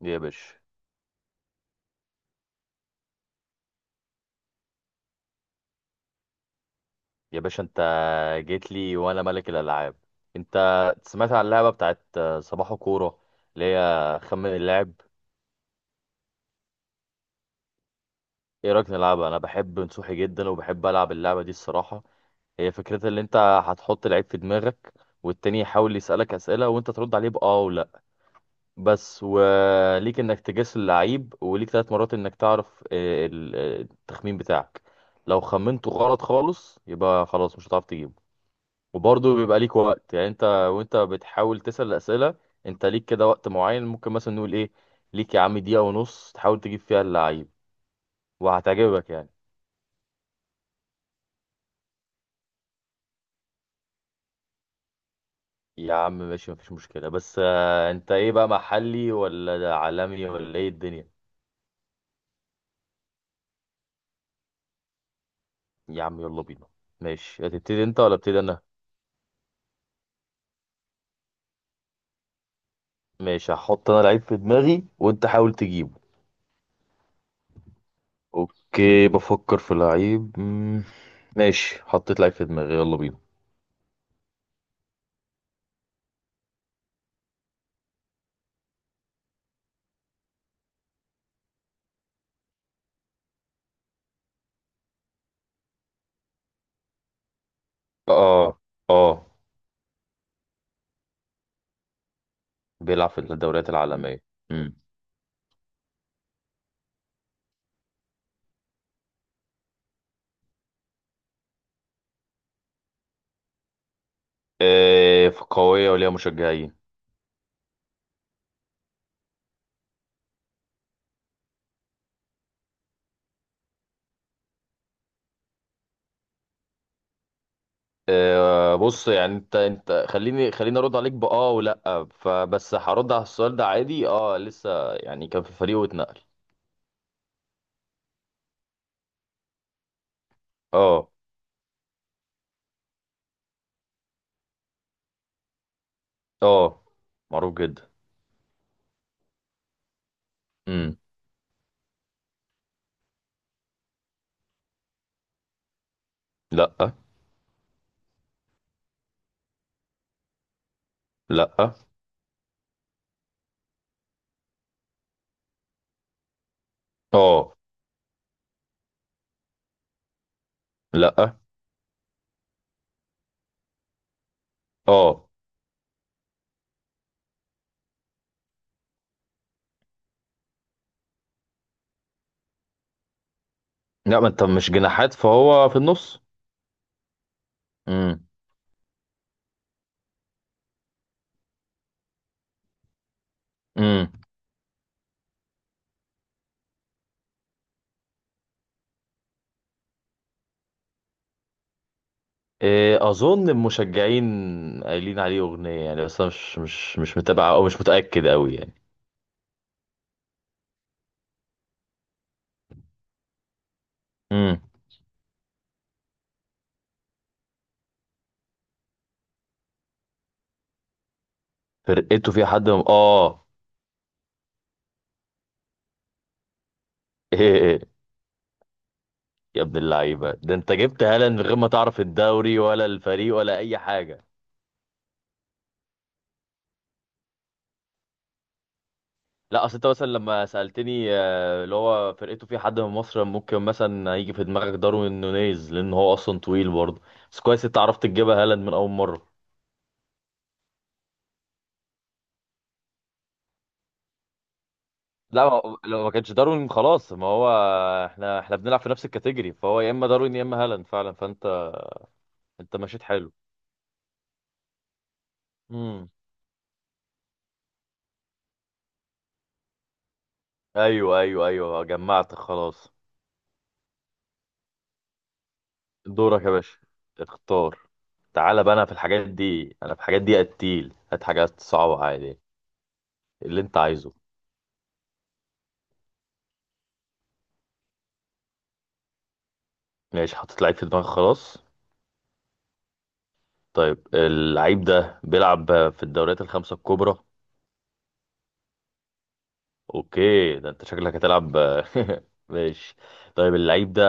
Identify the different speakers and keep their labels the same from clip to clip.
Speaker 1: يا باشا يا باشا، انت جيت لي وانا ملك الالعاب. انت سمعت عن اللعبه بتاعت صباح كوره، اللي هي خمن اللاعب. ايه رايك نلعبها؟ انا بحب نصوحي جدا وبحب العب اللعبه دي الصراحه. هي فكرتها اللي انت هتحط لعيب في دماغك، والتاني يحاول يسالك اسئله وانت ترد عليه باه ولا. بس وليك انك تجس اللعيب، وليك 3 مرات انك تعرف التخمين بتاعك. لو خمنته غلط خالص يبقى خلاص مش هتعرف تجيبه. وبرضه بيبقى ليك وقت، يعني انت وانت بتحاول تسأل الأسئلة. انت ليك كده وقت معين، ممكن مثلا نقول ايه؟ ليك يا عم دقيقة ونص تحاول تجيب فيها اللعيب، وهتعجبك يعني. يا عم ماشي، مفيش مشكلة، بس انت ايه بقى، محلي ولا ده عالمي ولا ايه الدنيا؟ يا عم يلا بينا. ماشي، هتبتدي انت ولا ابتدي انا؟ ماشي، هحط انا لعيب في دماغي وانت حاول تجيبه. اوكي، بفكر في لعيب ماشي، حطيت لعيب في دماغي، يلا بينا. اه، اه. بيلعب في الدوريات العالمية. امم آه، قوية وليها مشجعين. آه، بص، يعني انت خليني خليني ارد عليك بآه ولا، فبس هرد على السؤال ده عادي. اه لسه، يعني كان في فريقه واتنقل. اه، اه، معروف جدا. امم لا، لا. اه. لا. اه. لا، ما انت مش جناحات فهو في النص. امم امم اظن المشجعين قايلين عليه اغنية يعني، بس انا مش متابع او مش متأكد قوي يعني. مم. فرقته فيها حد من... اه. ايه، إيه، إيه، يا ابن اللعيبه ده، انت جبت هالاند من غير ما تعرف الدوري ولا الفريق ولا اي حاجه. لا، اصل انت مثلا لما سالتني اللي هو فرقته فيها حد من مصر، ممكن مثلا هيجي في دماغك داروين نونيز لان هو اصلا طويل برضه. بس كويس انت عرفت تجيبها هالاند من اول مره. لا لو ما كانش داروين خلاص، ما هو احنا بنلعب في نفس الكاتيجوري، فهو يا اما داروين يا اما هالاند فعلا فانت. انت مشيت حلو. امم ايوه، ايوه، ايوه، جمعت خلاص. دورك يا باشا، اختار. تعالى بقى، انا في الحاجات دي انا في الحاجات دي قتيل، هات حاجات صعبة عادي، اللي انت عايزه. ماشي، حطيت لعيب في دماغك خلاص. طيب اللعيب ده بيلعب في الدوريات الخمسة الكبرى؟ اوكي، ده انت شكلك هتلعب. ماشي. طيب اللعيب ده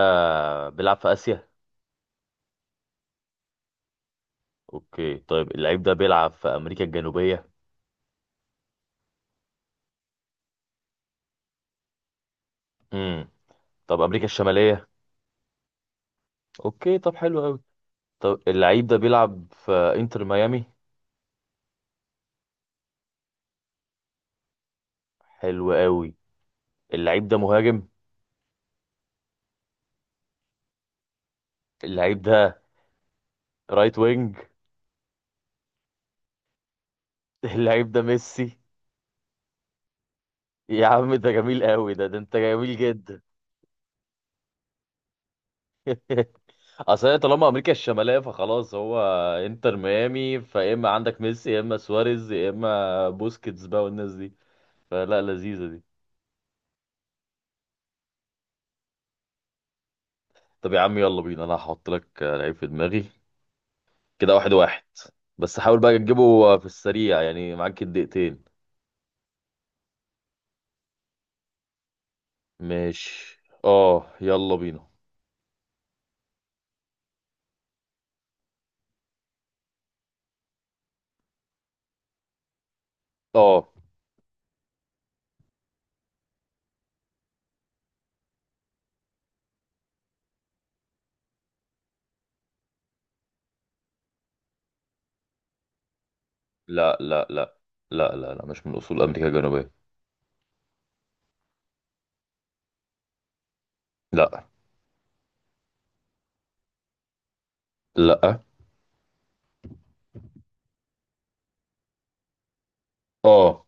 Speaker 1: بيلعب في آسيا؟ اوكي، طيب اللعيب ده بيلعب في امريكا الجنوبية؟ امم طب امريكا الشمالية؟ اوكي، طب حلو قوي. طب اللعيب ده بيلعب في انتر ميامي؟ حلو قوي. اللعيب ده مهاجم؟ اللعيب ده رايت وينج؟ اللعيب ده ميسي. يا عم ده جميل قوي، ده انت جميل جدا. اصل هي طالما امريكا الشماليه فخلاص، هو انتر ميامي، فيا اما عندك ميسي يا اما سواريز يا اما بوسكيتس بقى والناس دي، فلا لذيذه دي. طب يا عم يلا بينا، انا هحط لك لعيب في دماغي، كده واحد واحد. بس حاول بقى تجيبه في السريع يعني، معاك الدقيقتين. ماشي، اه يلا بينا. اه. لا، لا، لا، لا، لا، لا، مش من اصول امريكا الجنوبيه. لا، لا. اه.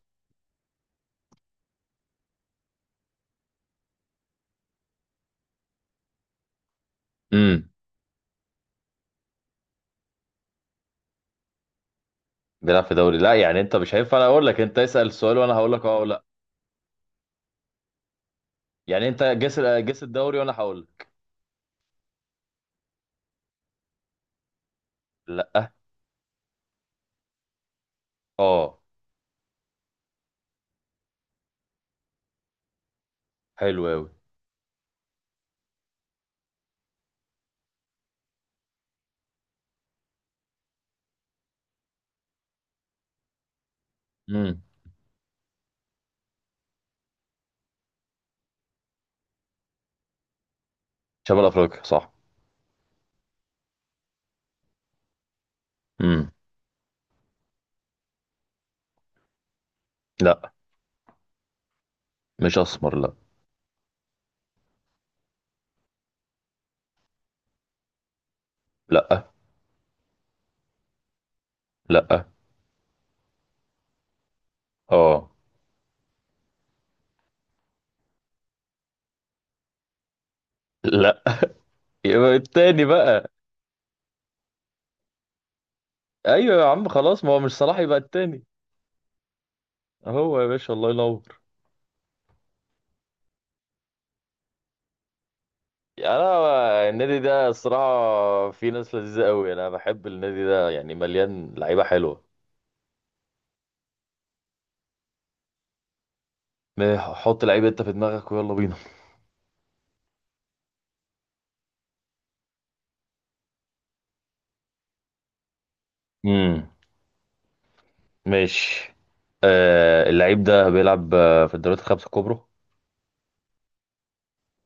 Speaker 1: امم بيلعب في دوري، لا يعني انت مش هينفع انا اقول لك، انت اسال السؤال وانا هقول لك اه او لا. يعني انت جس جس الدوري وانا هقول لك. لا. اه. حلو قوي. امم شمال افريقيا صح. امم لا، مش اسمر لا. لا. لا. اه. لا. يبقى التاني بقى. ايوه يا عم، خلاص، ما هو مش صلاح يبقى التاني. هو يا باشا، الله ينور. انا النادي ده الصراحه في ناس لذيذه قوي، انا بحب النادي ده يعني، مليان لعيبه حلوه. حط لعيب انت في دماغك ويلا بينا. امم ماشي. آه، اللعيب ده بيلعب في الدوريات الخمسة الكبرى؟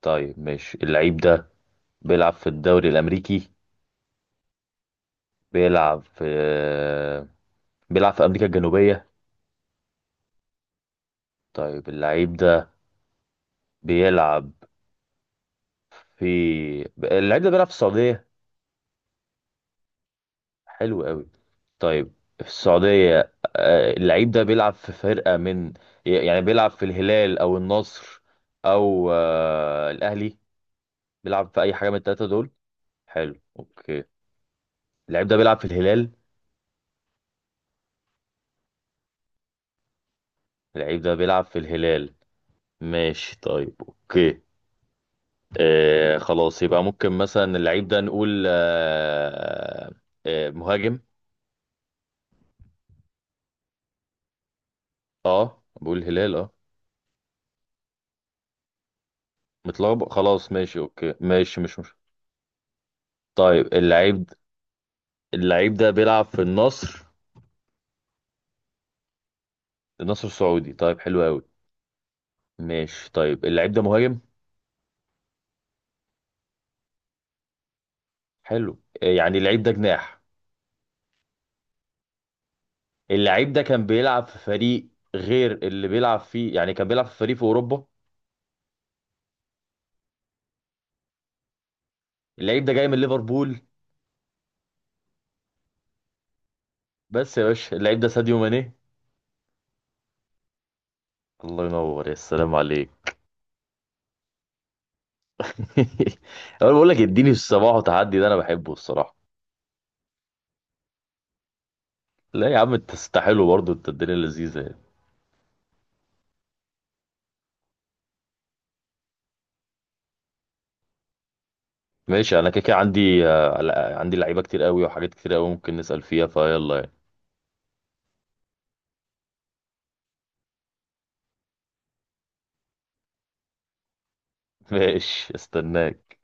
Speaker 1: طيب ماشي، اللعيب ده بيلعب في الدوري الأمريكي؟ بيلعب في آه بيلعب في أمريكا الجنوبية؟ طيب بيلعب في اللعيب ده بيلعب في السعودية؟ حلو قوي. طيب في السعودية، اللعيب ده بيلعب في فرقة من، يعني بيلعب في الهلال أو النصر أو الأهلي؟ بيلعب في أي حاجة من التلاتة دول؟ حلو، اوكي. اللعيب ده بيلعب في الهلال. اللعيب ده بيلعب في الهلال؟ ماشي طيب، اوكي. آه خلاص، يبقى ممكن مثلا اللعيب ده نقول مهاجم. اه، بقول هلال، اه. متلخبط خلاص، ماشي اوكي ماشي مش. طيب اللعيب ده بيلعب في النصر. النصر السعودي، طيب حلو قوي. ماشي، طيب اللعيب ده مهاجم. حلو، يعني اللعيب ده جناح. اللعيب ده كان بيلعب في فريق غير اللي بيلعب فيه، يعني كان بيلعب في فريق في اوروبا. اللعيب ده جاي من ليفربول. بس يا باشا، اللعيب ده ساديو ماني. الله ينور، يا سلام عليك. انا بقول لك اديني الصباح وتحدي ده انا بحبه الصراحه. لا يا عم، انت تستحلو برضه، انت الدنيا لذيذه يعني. ماشي، انا كده كده عندي لعيبه كتير قوي وحاجات كتير قوي، ممكن نسال فيها فيلا يعني. ماشي، استناك.